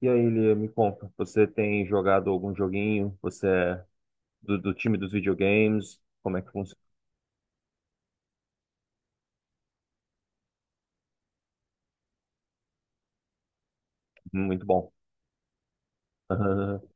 E aí, Lia, me conta, você tem jogado algum joguinho? Você é do time dos videogames? Como é que funciona? Muito bom.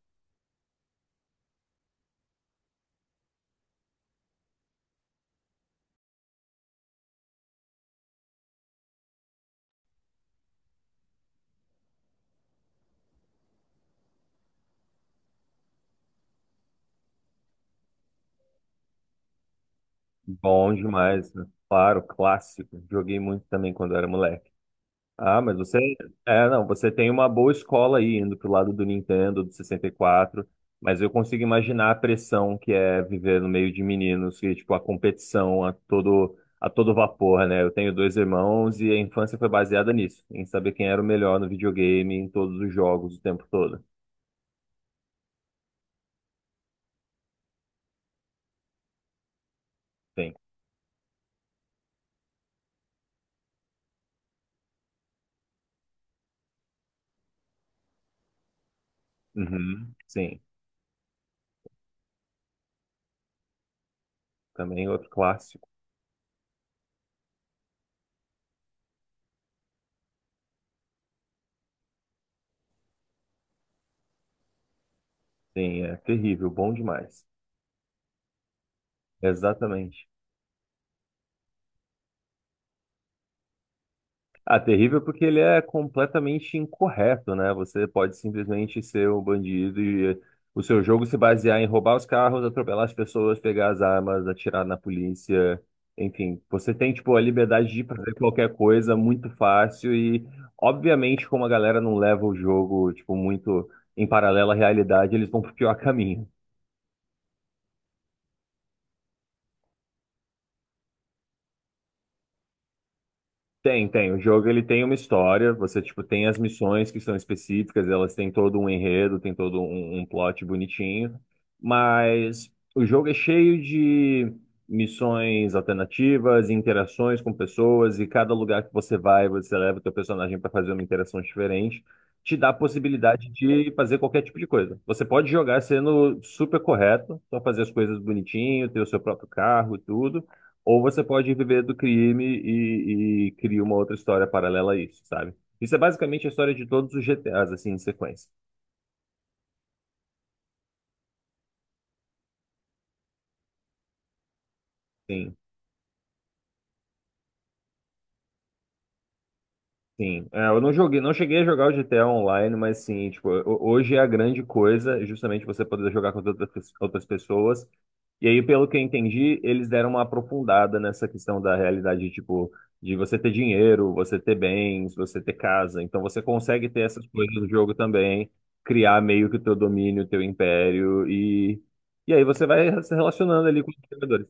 Bom demais, né? Claro, clássico. Joguei muito também quando era moleque. Ah, mas você. É, não, você tem uma boa escola aí indo pro lado do Nintendo, do 64. Mas eu consigo imaginar a pressão que é viver no meio de meninos, que, tipo, a competição a todo vapor, né? Eu tenho dois irmãos e a infância foi baseada nisso, em saber quem era o melhor no videogame, em todos os jogos, o tempo todo. Sim. Uhum, sim. Também outro clássico. Sim, é terrível, bom demais. Exatamente. Ah, terrível porque ele é completamente incorreto, né? Você pode simplesmente ser um bandido e o seu jogo se basear em roubar os carros, atropelar as pessoas, pegar as armas, atirar na polícia. Enfim, você tem, tipo, a liberdade de fazer qualquer coisa muito fácil e, obviamente, como a galera não leva o jogo, tipo, muito em paralelo à realidade, eles vão pro pior caminho. Tem, tem. O jogo ele tem uma história. Você tipo tem as missões que são específicas. Elas têm todo um enredo, tem todo um plot bonitinho. Mas o jogo é cheio de missões alternativas, interações com pessoas e cada lugar que você vai, você leva o teu personagem para fazer uma interação diferente. Te dá a possibilidade de fazer qualquer tipo de coisa. Você pode jogar sendo super correto, só fazer as coisas bonitinho, ter o seu próprio carro, e tudo. Ou você pode viver do crime e criar uma outra história paralela a isso, sabe? Isso é basicamente a história de todos os GTAs, assim, em sequência. Sim. Sim, é, eu não joguei, não cheguei a jogar o GTA Online, mas sim, tipo, hoje é a grande coisa é justamente você poder jogar com outras pessoas. E aí, pelo que eu entendi, eles deram uma aprofundada nessa questão da realidade, tipo, de você ter dinheiro, você ter bens, você ter casa. Então você consegue ter essas coisas no jogo também, criar meio que o teu domínio, o teu império, e aí você vai se relacionando ali com os jogadores.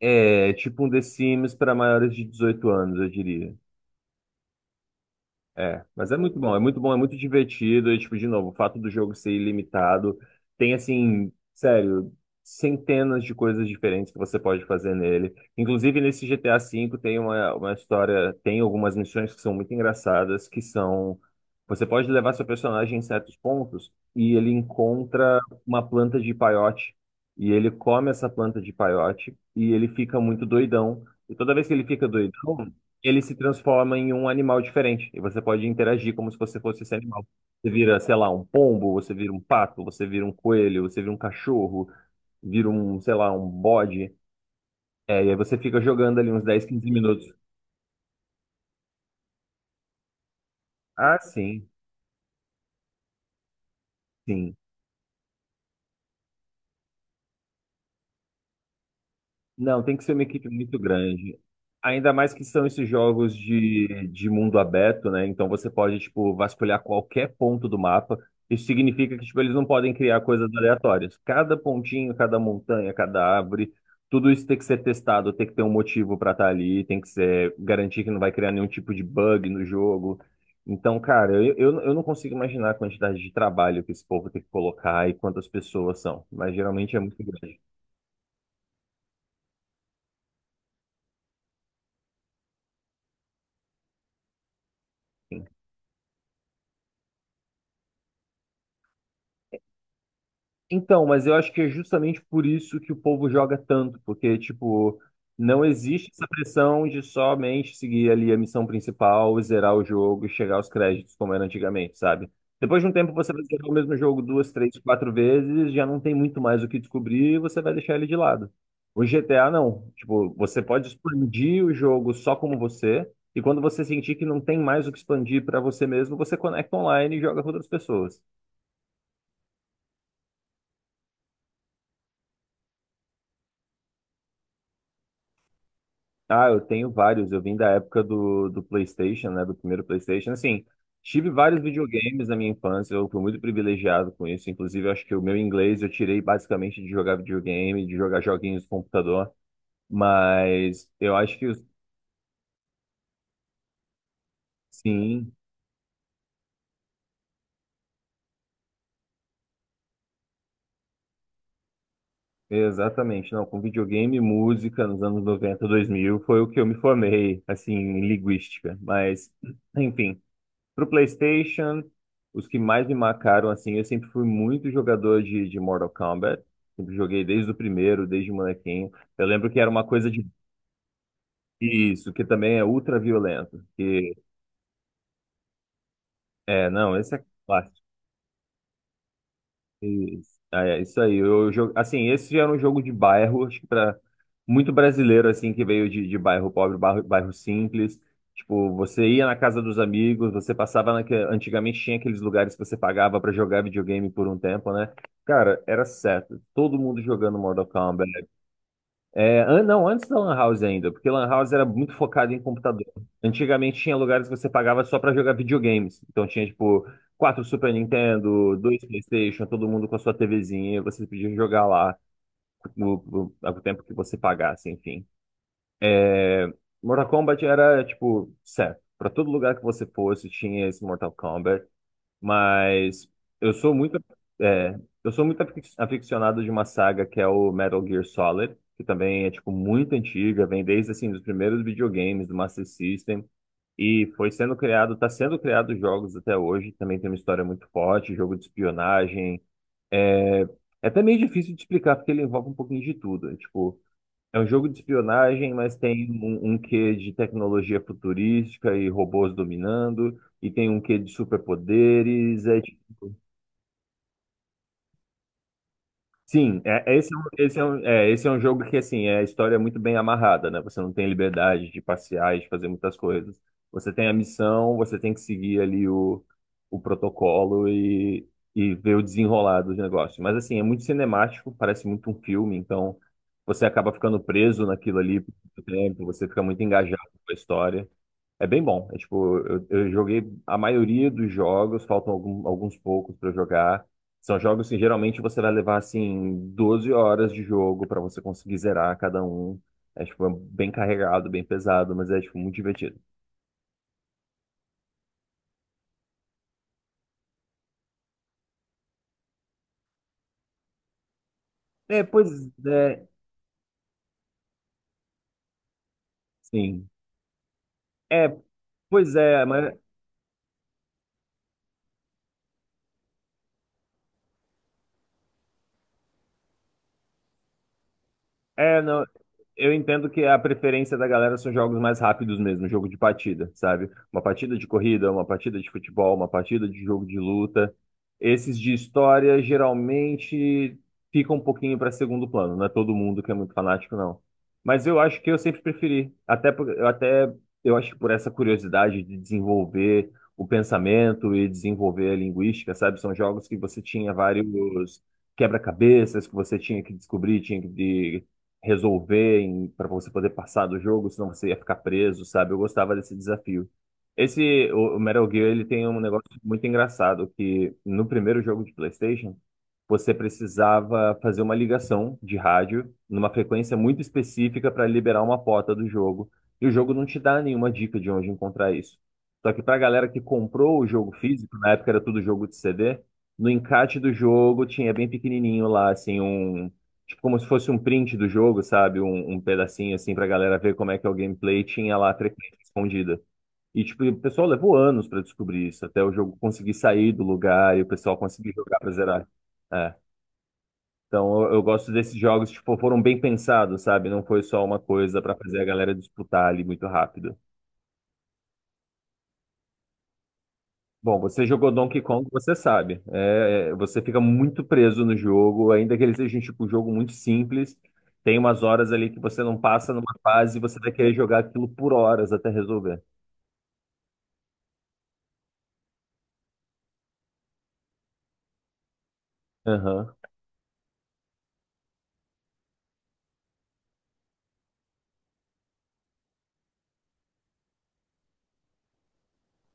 É tipo um The Sims para maiores de 18 anos, eu diria. É, mas é muito bom, é muito bom, é muito divertido. E, tipo, de novo, o fato do jogo ser ilimitado. Tem, assim, sério, centenas de coisas diferentes que você pode fazer nele. Inclusive, nesse GTA V tem uma história, tem algumas missões que são muito engraçadas, que são... Você pode levar seu personagem em certos pontos e ele encontra uma planta de peiote. E ele come essa planta de peiote e ele fica muito doidão. E toda vez que ele fica doidão, ele se transforma em um animal diferente e você pode interagir como se você fosse esse animal. Você vira, sei lá, um pombo, você vira um pato, você vira um coelho, você vira um cachorro, vira um, sei lá, um bode. É, e aí você fica jogando ali uns 10, 15 minutos. Ah, sim, sim. Não, tem que ser uma equipe muito grande. Ainda mais que são esses jogos de mundo aberto, né? Então você pode, tipo, vasculhar qualquer ponto do mapa. Isso significa que, tipo, eles não podem criar coisas aleatórias. Cada pontinho, cada montanha, cada árvore, tudo isso tem que ser testado, tem que ter um motivo para estar ali, tem que ser garantir que não vai criar nenhum tipo de bug no jogo. Então, cara, eu não consigo imaginar a quantidade de trabalho que esse povo tem que colocar e quantas pessoas são, mas geralmente é muito grande. Então, mas eu acho que é justamente por isso que o povo joga tanto, porque, tipo, não existe essa pressão de somente seguir ali a missão principal, zerar o jogo e chegar aos créditos, como era antigamente, sabe? Depois de um tempo você vai zerar o mesmo jogo duas, três, quatro vezes, já não tem muito mais o que descobrir e você vai deixar ele de lado. O GTA não. Tipo, você pode expandir o jogo só como você, e quando você sentir que não tem mais o que expandir para você mesmo, você conecta online e joga com outras pessoas. Ah, eu tenho vários. Eu vim da época do PlayStation, né? Do primeiro PlayStation. Assim, tive vários videogames na minha infância. Eu fui muito privilegiado com isso. Inclusive, eu acho que o meu inglês eu tirei basicamente de jogar videogame, de jogar joguinhos no computador. Mas eu acho que os-. Sim, exatamente. Não, com videogame e música nos anos 90, 2000 foi o que eu me formei, assim, em linguística. Mas, enfim. Pro PlayStation, os que mais me marcaram, assim, eu sempre fui muito jogador de Mortal Kombat. Sempre joguei desde o primeiro, desde molequinho. Eu lembro que era uma coisa de isso, que também é ultra violento. Que, é, não, esse é isso. Ah, é isso aí. Eu, assim, esse já era um jogo de bairro, acho que para muito brasileiro assim que veio de bairro pobre, bairro, bairro simples. Tipo, você ia na casa dos amigos, você passava antigamente tinha aqueles lugares que você pagava para jogar videogame por um tempo, né? Cara, era certo. Todo mundo jogando Mortal Kombat. É, não, antes da Lan House ainda, porque Lan House era muito focado em computador. Antigamente tinha lugares que você pagava só pra jogar videogames. Então tinha, tipo, quatro Super Nintendo, dois PlayStation, todo mundo com a sua TVzinha, você podia jogar lá no, no, ao tempo que você pagasse, enfim. Mortal Kombat era, tipo, certo. Pra todo lugar que você fosse, tinha esse Mortal Kombat. Mas eu sou muito, é, aficionado de uma saga que é o Metal Gear Solid, que também é tipo muito antiga, vem desde assim dos primeiros videogames do Master System e foi sendo criado, está sendo criado jogos até hoje. Também tem uma história muito forte, jogo de espionagem. É até meio difícil de explicar porque ele envolve um pouquinho de tudo. É, tipo, é um jogo de espionagem, mas tem um quê de tecnologia futurística e robôs dominando. E tem um quê de superpoderes, é tipo. Sim, é um, é, esse é um jogo que, assim, a história é muito bem amarrada, né? Você não tem liberdade de passear e de fazer muitas coisas. Você tem a missão, você tem que seguir ali o protocolo e ver o desenrolar dos negócios. Mas, assim, é muito cinemático, parece muito um filme, então você acaba ficando preso naquilo ali por muito tempo, você fica muito engajado com a história. É bem bom. É tipo, eu joguei a maioria dos jogos, faltam alguns poucos pra jogar. São jogos que geralmente você vai levar assim 12 horas de jogo pra você conseguir zerar cada um. É tipo é bem carregado, bem pesado, mas é tipo muito divertido. É, pois é, sim. É, pois é, mas é, não, eu entendo que a preferência da galera são jogos mais rápidos mesmo, jogo de partida, sabe? Uma partida de corrida, uma partida de futebol, uma partida de jogo de luta. Esses de história geralmente ficam um pouquinho para segundo plano, não é todo mundo que é muito fanático, não. Mas eu acho que eu sempre preferi, até por- eu até eu acho que por essa curiosidade de desenvolver o pensamento e desenvolver a linguística, sabe? São jogos que você tinha vários quebra-cabeças que você tinha que descobrir, tinha que resolver para você poder passar do jogo, senão você ia ficar preso, sabe? Eu gostava desse desafio. Esse, o Metal Gear, ele tem um negócio muito engraçado, que no primeiro jogo de PlayStation, você precisava fazer uma ligação de rádio numa frequência muito específica para liberar uma porta do jogo. E o jogo não te dá nenhuma dica de onde encontrar isso. Só que para a galera que comprou o jogo físico, na época era tudo jogo de CD, no encarte do jogo tinha bem pequenininho lá, assim, um. Tipo, como se fosse um print do jogo, sabe? Um pedacinho assim pra galera ver como é que é o gameplay, tinha lá a trequinha escondida. E tipo, o pessoal levou anos pra descobrir isso, até o jogo conseguir sair do lugar e o pessoal conseguir jogar pra zerar. É. Então eu gosto desses jogos, tipo, foram bem pensados, sabe? Não foi só uma coisa pra fazer a galera disputar ali muito rápido. Bom, você jogou Donkey Kong, você sabe. Você fica muito preso no jogo, ainda que ele seja um tipo, um jogo muito simples. Tem umas horas ali que você não passa numa fase e você vai querer jogar aquilo por horas até resolver. Aham.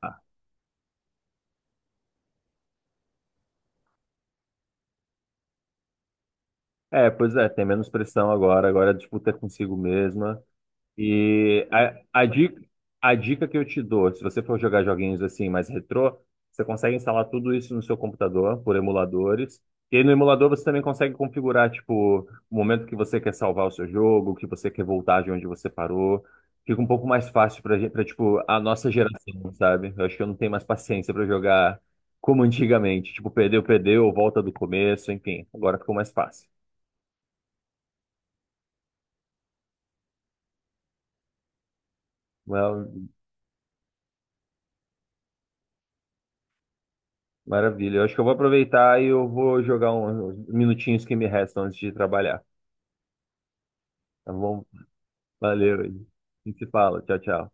Ah, é, pois é, tem menos pressão agora, a disputa é consigo mesma. E a dica que eu te dou, se você for jogar joguinhos assim mais retrô, você consegue instalar tudo isso no seu computador por emuladores. E aí no emulador você também consegue configurar, tipo, o momento que você quer salvar o seu jogo, que você quer voltar de onde você parou. Fica um pouco mais fácil pra gente, pra, tipo, a nossa geração, sabe? Eu acho que eu não tenho mais paciência pra jogar como antigamente. Tipo, perdeu, perdeu, volta do começo, enfim. Agora ficou mais fácil. Maravilha. Eu acho que eu vou aproveitar e eu vou jogar uns minutinhos que me restam antes de trabalhar. Tá bom? Valeu. A gente se fala. Tchau, tchau.